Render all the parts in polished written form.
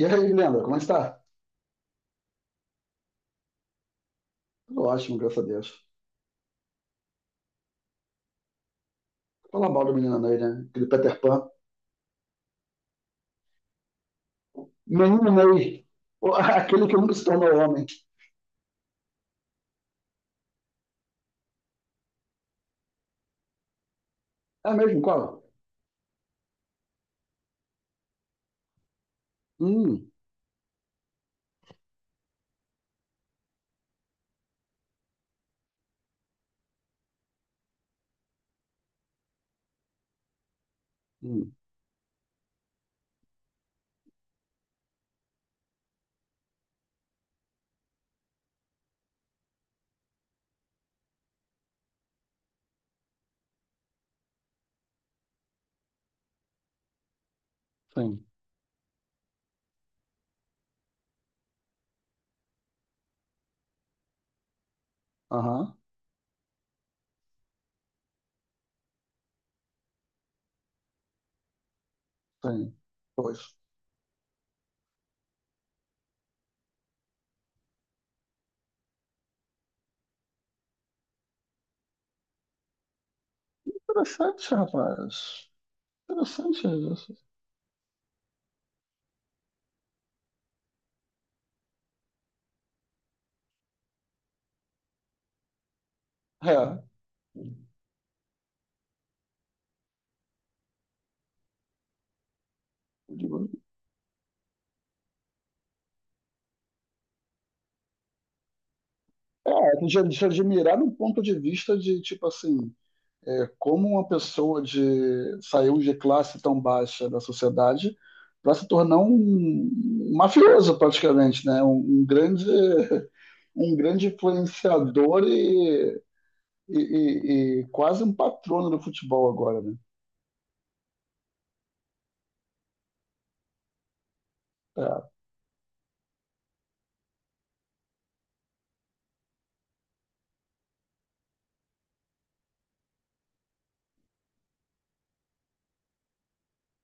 E aí, Leandro, como é que está? Tudo ótimo, graças a Deus. Fala mal do menino Ney, né? Aquele Peter Pan. Menino Ney. Aquele que nunca se tornou homem. É mesmo, qual? Hum, hum, sim. Aham, sim. Pois. Interessante, rapaz. Interessante isso. É. Eu digo, é, é de, admirar do ponto de vista de, tipo assim, é, como uma pessoa de saiu de classe tão baixa da sociedade para se tornar um mafioso praticamente, né? Um grande um grande influenciador e quase um patrono do futebol agora, né?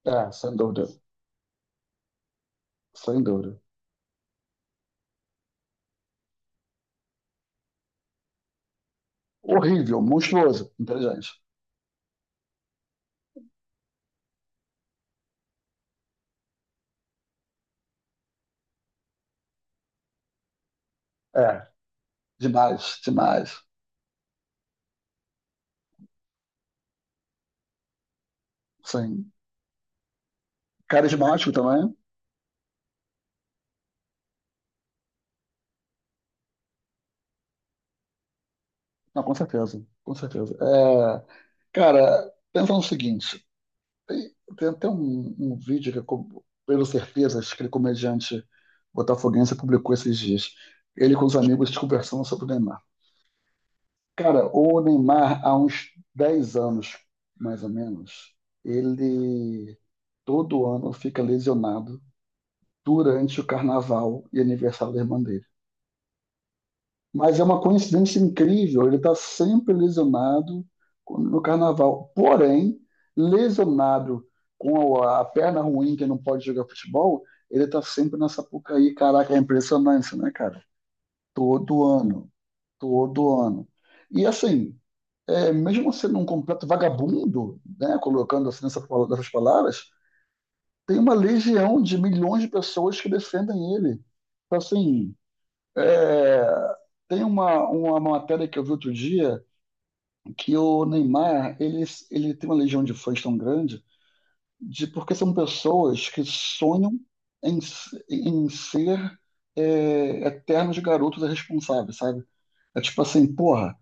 Sem dúvida, sem dúvida. Horrível, monstruoso, inteligente. É, demais, demais. Sim. Carismático também? Não, com certeza, com certeza. É, cara, pensa no seguinte. Tem até um vídeo que, eu pelo certeza, acho que aquele comediante botafoguense publicou esses dias. Ele com os amigos conversando sobre o Neymar. Cara, o Neymar, há uns 10 anos, mais ou menos, ele todo ano fica lesionado durante o carnaval e aniversário da irmã dele. Mas é uma coincidência incrível, ele está sempre lesionado no carnaval. Porém, lesionado com a perna ruim, que não pode jogar futebol, ele está sempre na Sapucaí. Caraca, é impressionante, né, cara? Todo ano, todo ano. E assim, é, mesmo sendo um completo vagabundo, né, colocando assim nessas palavras, tem uma legião de milhões de pessoas que defendem ele. Então, assim, é, tem uma matéria que eu vi outro dia que o Neymar ele tem uma legião de fãs tão grande de porque são pessoas que sonham em, em ser é, eternos garotos irresponsáveis, sabe? É tipo assim, porra,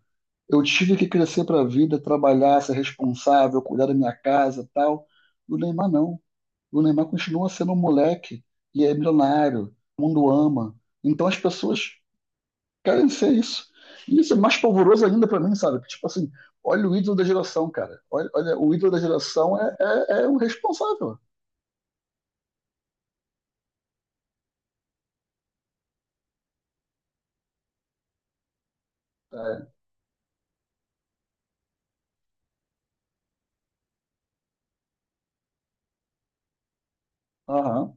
eu tive que crescer pra vida, trabalhar, ser responsável, cuidar da minha casa, tal. E o Neymar não. O Neymar continua sendo um moleque e é milionário, o mundo ama. Então as pessoas, cara, isso é isso. E isso é mais pavoroso ainda pra mim, sabe? Tipo assim, olha o ídolo da geração, cara. Olha, olha o ídolo da geração é, é o responsável. É. Aham,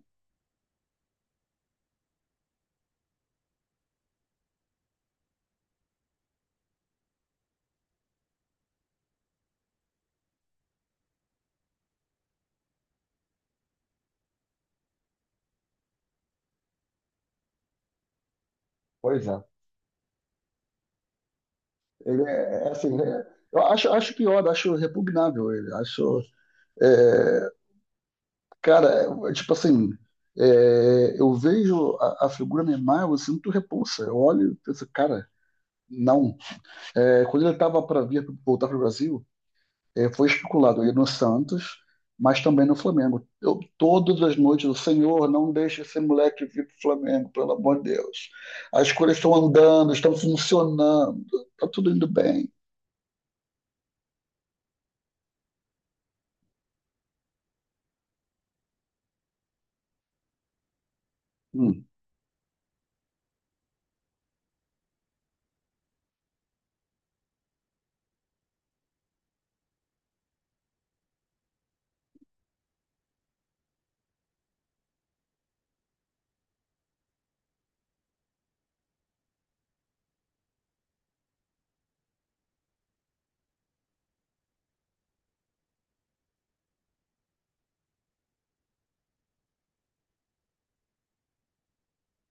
pois é. Ele é, é assim, é- eu acho, acho pior, acho repugnável ele. Acho, é, cara, é, tipo assim, é, eu vejo a figura Neymar, eu sinto repulsa. Eu olho e penso, cara, não. É, quando ele tava para vir voltar pro Brasil, é, foi especulado ele no Santos, mas também no Flamengo. Eu, todas as noites, o Senhor, não deixe esse moleque vir para o Flamengo, pelo amor de Deus. As coisas estão andando, estão funcionando, está tudo indo bem. Hum,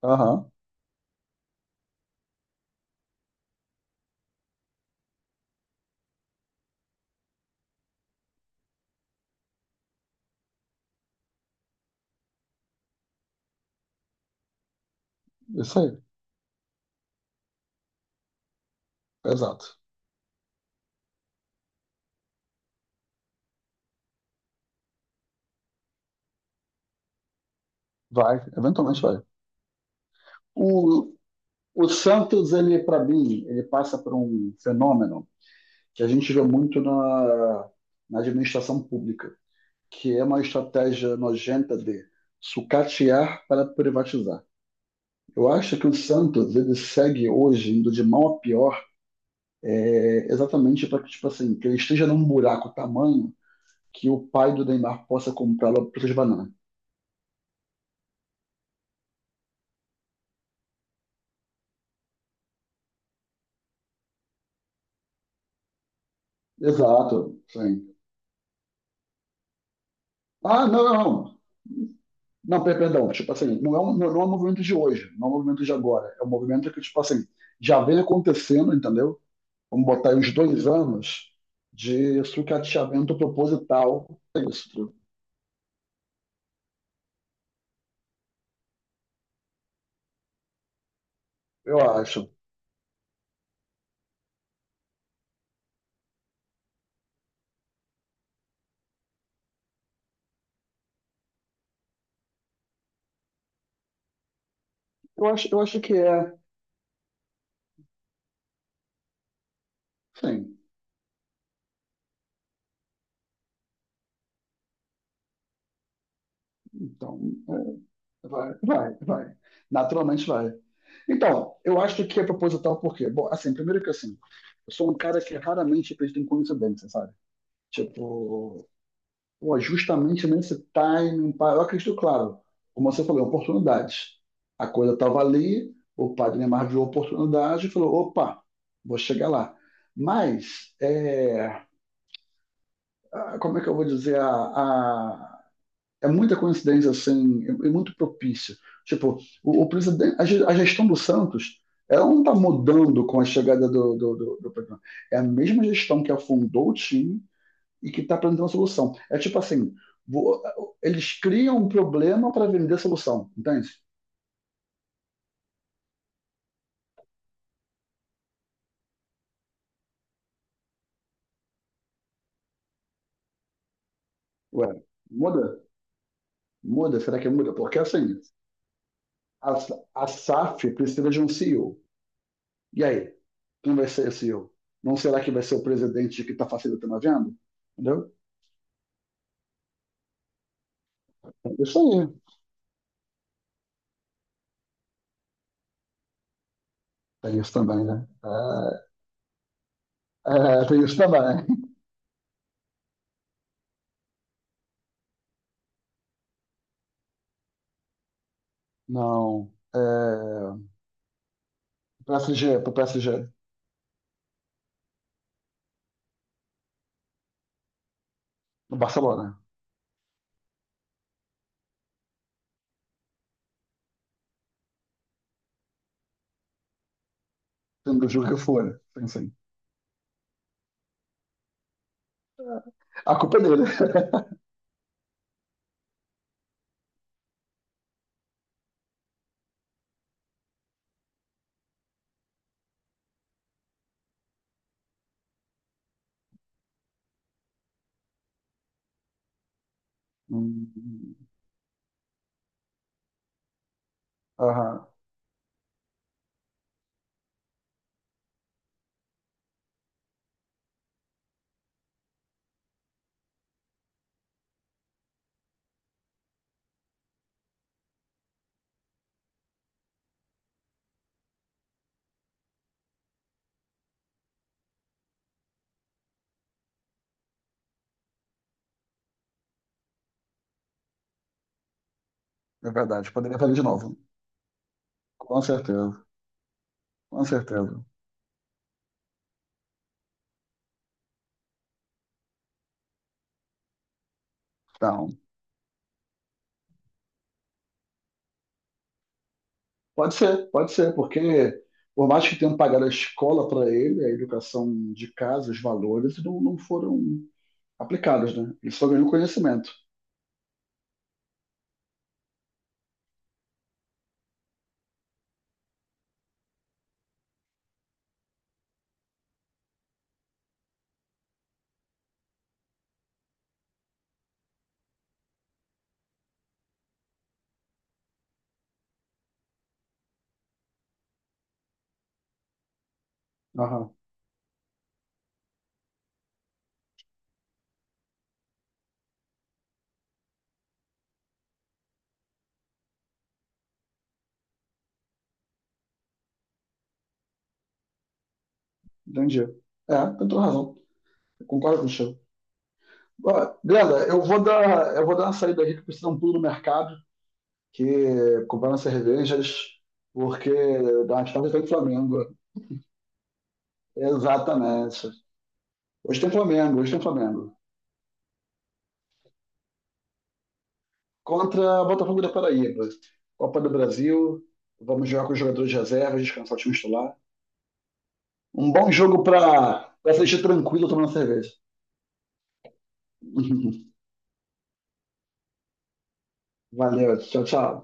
Aham, isso aí, exato. Vai, eventualmente vai. O, o Santos, ele, para mim, ele passa por um fenômeno que a gente vê muito na administração pública, que é uma estratégia nojenta de sucatear para privatizar. Eu acho que o Santos ele segue hoje indo de mal a pior, é, exatamente para que tipo assim que ele esteja num buraco tamanho que o pai do Neymar possa comprá-lo por preço de banana. Exato, sim. Ah, não, não, não, per- perdão, tipo assim, não é, um, não é um movimento de hoje, não é um movimento de agora, é um movimento que, tipo assim, já vem acontecendo, entendeu? Vamos botar aí uns 2 anos de sucateamento proposital, é isso, eu acho. Eu acho, eu acho que é, sim, então, é, vai, vai, vai. Naturalmente vai. Então, eu acho que é proposital por quê? Bom, assim, primeiro que assim, eu sou um cara que raramente acredita em coincidência, sabe? Tipo, pô, justamente nesse timing, pá, eu acredito, claro, como você falou, em oportunidades. A coisa estava ali, o padre Neymar viu a oportunidade e falou, opa, vou chegar lá. Mas, é, ah, como é que eu vou dizer, a- é muita coincidência assim, é muito propício. Tipo, o presidente, a ge- a gestão do Santos, ela não está mudando com a chegada do Pedro. É a mesma gestão que afundou o time e que está apresentando a solução. É tipo assim, vo- eles criam um problema para vender a solução, entende? Ué, muda? Muda? Será que muda? Porque assim, a, a SAF precisa de um CEO. E O. E aí, quem vai ser esse CEO? Não será que vai ser o presidente que está facilitando a venda? Entendeu? É isso aí. Tem isso também, né? É, tem isso também. Não. É, PSG, pro PSG, no Barcelona. Sendo do jogo que for, sim, sim. A culpa é dele. Hum, aham, é verdade. Poderia fazer de novo. Com certeza, com certeza. Então, pode ser, porque por mais que tenham pagado a escola para ele, a educação de casa, os valores, não foram aplicados, né? Ele só ganhou conhecimento. Aham, entendi. É, tem toda razão. Concordo com você. Ó, Glenda, eu vou dar uma saída aqui que precisa um pulo no mercado, que comprar umas cervejas, porque das tarde tem Flamengo. Exatamente. Hoje tem Flamengo, hoje tem Flamengo. Contra Botafogo da Paraíba. Copa do Brasil. Vamos jogar com os jogadores de reserva, descansar o time titular. Um bom jogo para assistir tranquilo tomando cerveja. Valeu, tchau, tchau.